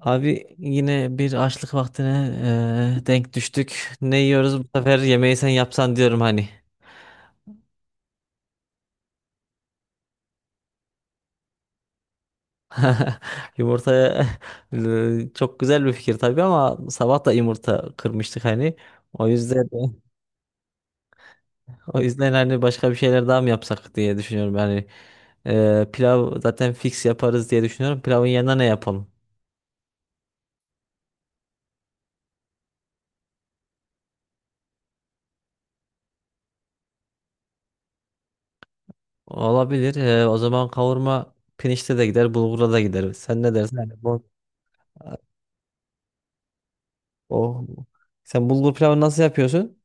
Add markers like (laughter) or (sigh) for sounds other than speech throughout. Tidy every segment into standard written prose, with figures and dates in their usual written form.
Abi yine bir açlık vaktine denk düştük. Ne yiyoruz bu sefer yemeği sen yapsan diyorum hani. (laughs) Yumurtaya (laughs) çok güzel bir fikir tabii ama sabah da yumurta kırmıştık hani. O yüzden o yüzden hani başka bir şeyler daha mı yapsak diye düşünüyorum. Yani pilav zaten fix yaparız diye düşünüyorum. Pilavın yanına ne yapalım? Olabilir. O zaman kavurma pirinçte de gider, bulgura da gider. Sen ne dersin? Yani bu, o, sen bulgur pilavını nasıl yapıyorsun?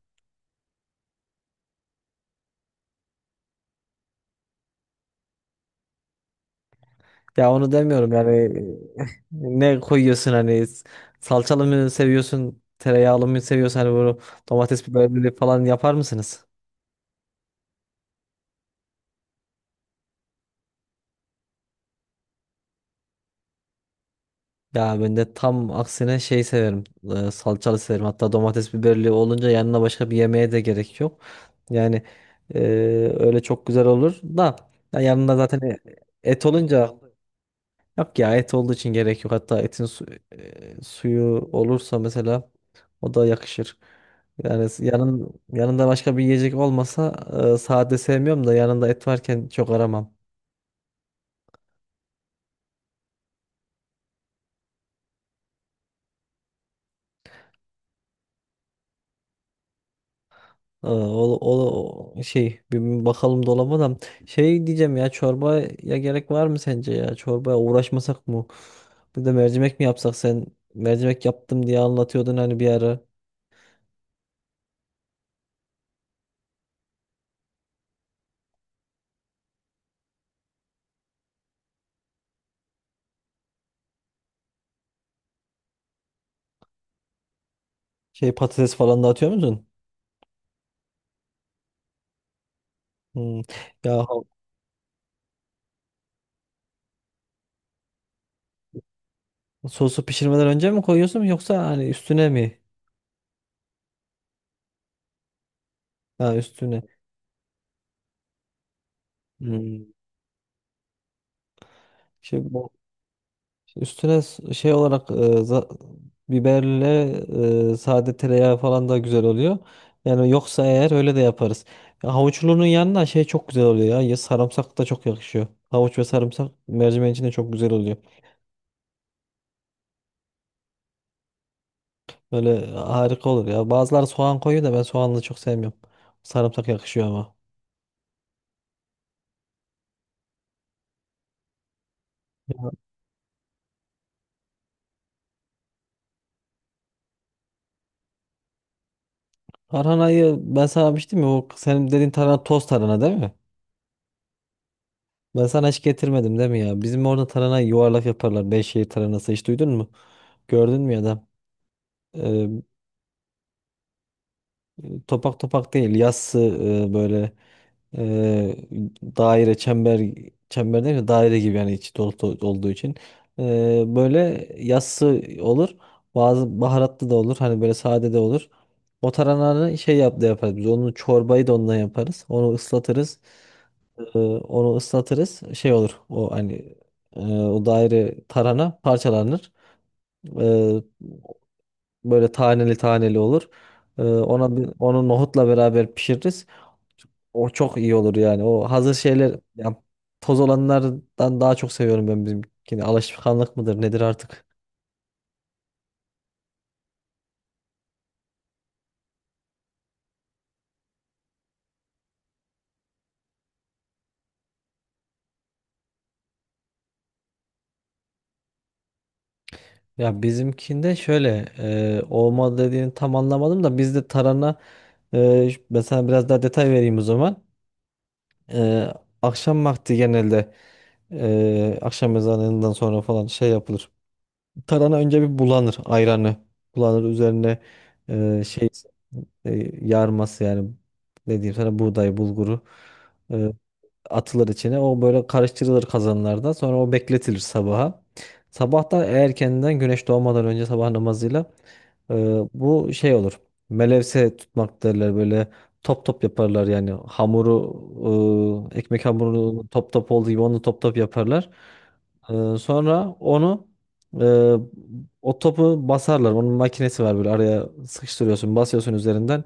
Ya onu demiyorum yani, (laughs) ne koyuyorsun hani, salçalı mı seviyorsun tereyağlı mı seviyorsun hani bunu, domates biberli falan yapar mısınız? Ya ben de tam aksine şey severim, salçalı severim, hatta domates biberli olunca yanına başka bir yemeğe de gerek yok. Yani e, öyle çok güzel olur da, ya yanında zaten et olunca. Yok ya, et olduğu için gerek yok. Hatta suyu olursa mesela, o da yakışır. Yani yanın, yanında başka bir yiyecek olmasa, sade sevmiyorum da yanında et varken çok aramam. O şey, bir bakalım dolaba da, şey diyeceğim ya, çorbaya gerek var mı sence, ya çorbaya uğraşmasak mı? Bir de mercimek mi yapsak? Sen mercimek yaptım diye anlatıyordun hani bir ara. Şey, patates falan da atıyor musun? Hmm. Ya sosu pişirmeden önce mi koyuyorsun yoksa hani üstüne mi? Ha, üstüne. Hmm. Şey bu üstüne biberle, sade tereyağı falan da güzel oluyor. Yani yoksa eğer öyle de yaparız. Ya havuçlunun yanına şey çok güzel oluyor ya. Ya sarımsak da çok yakışıyor. Havuç ve sarımsak mercimeğin içinde çok güzel oluyor. Böyle harika olur ya. Bazıları soğan koyuyor da ben soğanlı çok sevmiyorum. Sarımsak yakışıyor ama. Tarhanayı ben sana demiştim ya, o senin dediğin tarhana toz tarhana değil mi? Ben sana hiç getirmedim değil mi ya? Bizim orada tarhana yuvarlak yaparlar. Beyşehir taranası hiç duydun mu? Gördün mü ya da? Ee, Topak topak değil. Yassı, böyle e, daire, çember değil de daire gibi, yani içi dolu dolu olduğu için. E, böyle yassı olur, bazı baharatlı da olur hani, böyle sade de olur. O tarananı şey yap da yaparız, biz onu çorbayı da ondan yaparız, onu ıslatırız. Onu ıslatırız. Şey olur. O hani, o daire tarhana parçalanır. Ee, Böyle taneli taneli olur. Ona onu nohutla beraber pişiririz. O çok iyi olur yani. O hazır şeyler ya, toz olanlardan daha çok seviyorum ben bizimkini. Alışkanlık mıdır nedir artık? Ya bizimkinde şöyle, olma dediğini tam anlamadım da, bizde tarhana, ben sana biraz daha detay vereyim o zaman. E, akşam vakti genelde, akşam ezanından sonra falan şey yapılır. Tarhana önce bir bulanır ayranı. Bulanır üzerine, e, şey yarması yani, ne diyeyim sana, buğday bulguru e, atılır içine. O böyle karıştırılır kazanlarda. Sonra o bekletilir sabaha. Sabah da erkenden güneş doğmadan önce sabah namazıyla, ee, bu şey olur. Melevse tutmak derler, böyle top top yaparlar yani hamuru, ekmek hamurunu top top olduğu gibi onu top top yaparlar. Sonra onu, e, o topu basarlar. Onun makinesi var, böyle araya sıkıştırıyorsun, basıyorsun üzerinden.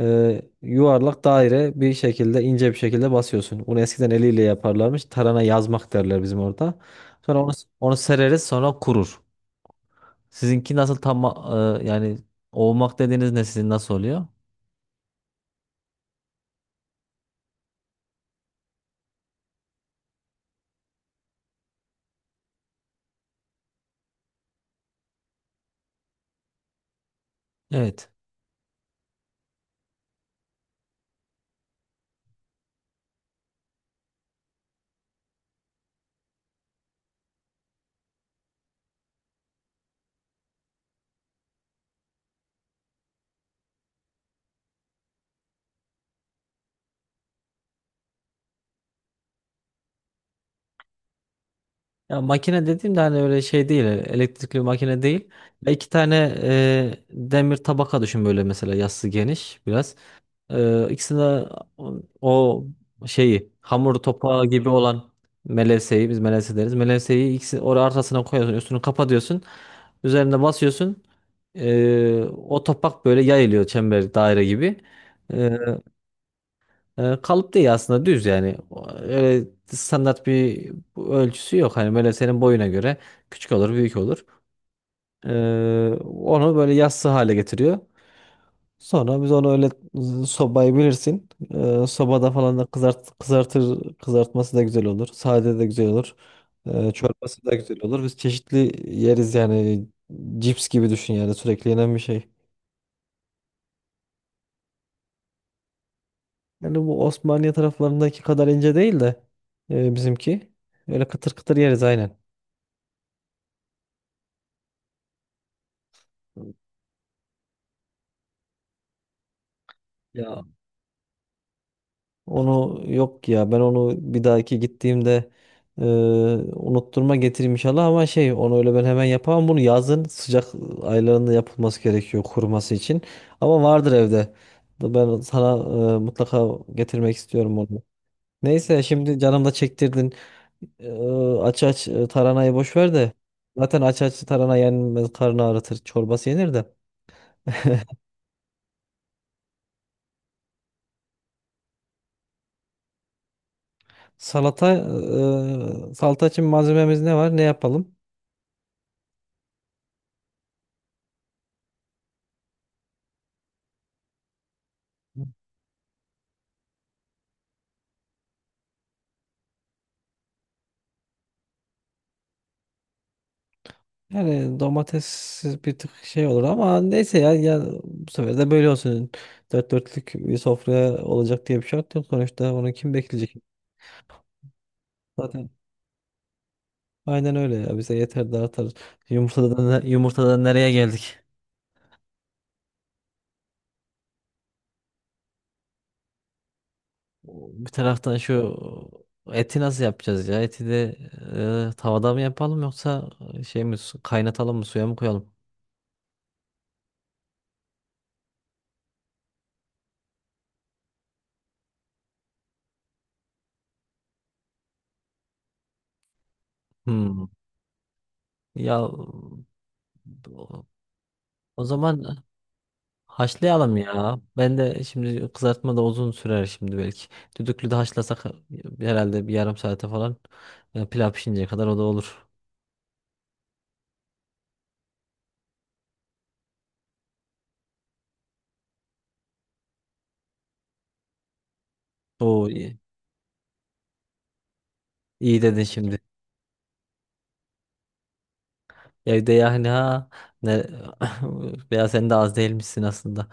Yuvarlak daire bir şekilde, ince bir şekilde basıyorsun. Bunu eskiden eliyle yaparlarmış. Tarana yazmak derler bizim orada. Sonra onu, onu sereriz, sonra kurur. Sizinki nasıl tam, yani olmak dediğiniz ne, sizin nasıl oluyor? Evet. Ya makine dediğimde hani öyle şey değil, elektrikli bir makine değil. Ya iki tane demir tabaka düşün, böyle mesela yassı geniş biraz. E, ikisine, o şeyi, hamur topağı gibi olan melevseyi, biz melevse deriz. Melevseyi ikisi oraya arasına koyuyorsun, üstünü kapatıyorsun. Üzerine basıyorsun. O topak böyle yayılıyor, çember daire gibi. E, Kalıp değil aslında, düz yani. Öyle standart bir ölçüsü yok. Hani böyle senin boyuna göre küçük olur, büyük olur. E, Onu böyle yassı hale getiriyor. Sonra biz onu öyle, sobayı bilirsin. Sobada falan da kızartır, kızartması da güzel olur. Sade de güzel olur. Çorbası da güzel olur. Biz çeşitli yeriz yani. Cips gibi düşün, yani sürekli yenen bir şey. Yani bu Osmaniye taraflarındaki kadar ince değil de, bizimki. Öyle kıtır kıtır yeriz, aynen. Ya onu, yok ya, ben onu bir dahaki gittiğimde e, unutturma getireyim inşallah, ama şey, onu öyle ben hemen yapamam, bunu yazın sıcak aylarında yapılması gerekiyor kuruması için, ama vardır evde. Ben sana mutlaka getirmek istiyorum onu. Neyse, şimdi canım da çektirdin. E, Aç aç, taranayı boş ver de, zaten aç aç tarana yenmez, karnı ağrıtır, çorbası yenir de. Salata, salata için malzememiz ne var, ne yapalım? Yani domates bir tık şey olur ama neyse ya, ya bu sefer de böyle olsun. Dört dörtlük bir sofraya olacak diye bir şart yok. Sonuçta onu kim bekleyecek? Zaten aynen öyle ya. Bize yeter de artar. Yumurtadan, yumurtadan nereye geldik? Bir taraftan şu eti nasıl yapacağız ya? Eti de tavada mı yapalım, yoksa kaynatalım mı, suya mı koyalım? Hmm. Ya o zaman haşlayalım ya. Ben de şimdi kızartma da uzun sürer şimdi belki. Düdüklü de haşlasak herhalde bir yarım saate falan, pilav pişinceye kadar o da olur. Oo, iyi, iyi dedin şimdi. Evde yani ha, ne, (laughs) veya sen de az değilmişsin aslında.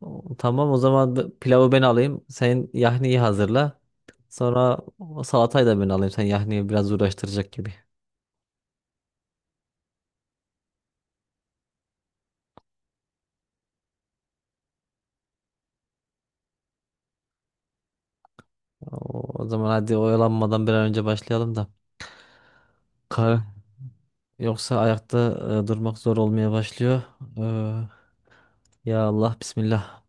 Tamam, o zaman pilavı ben alayım. Sen yahniyi hazırla. Sonra o salatayı da ben alayım. Sen yahniyi biraz uğraştıracak gibi. O, o zaman hadi oyalanmadan bir an önce başlayalım da. Yoksa ayakta durmak zor olmaya başlıyor. Ee, Ya Allah Bismillah.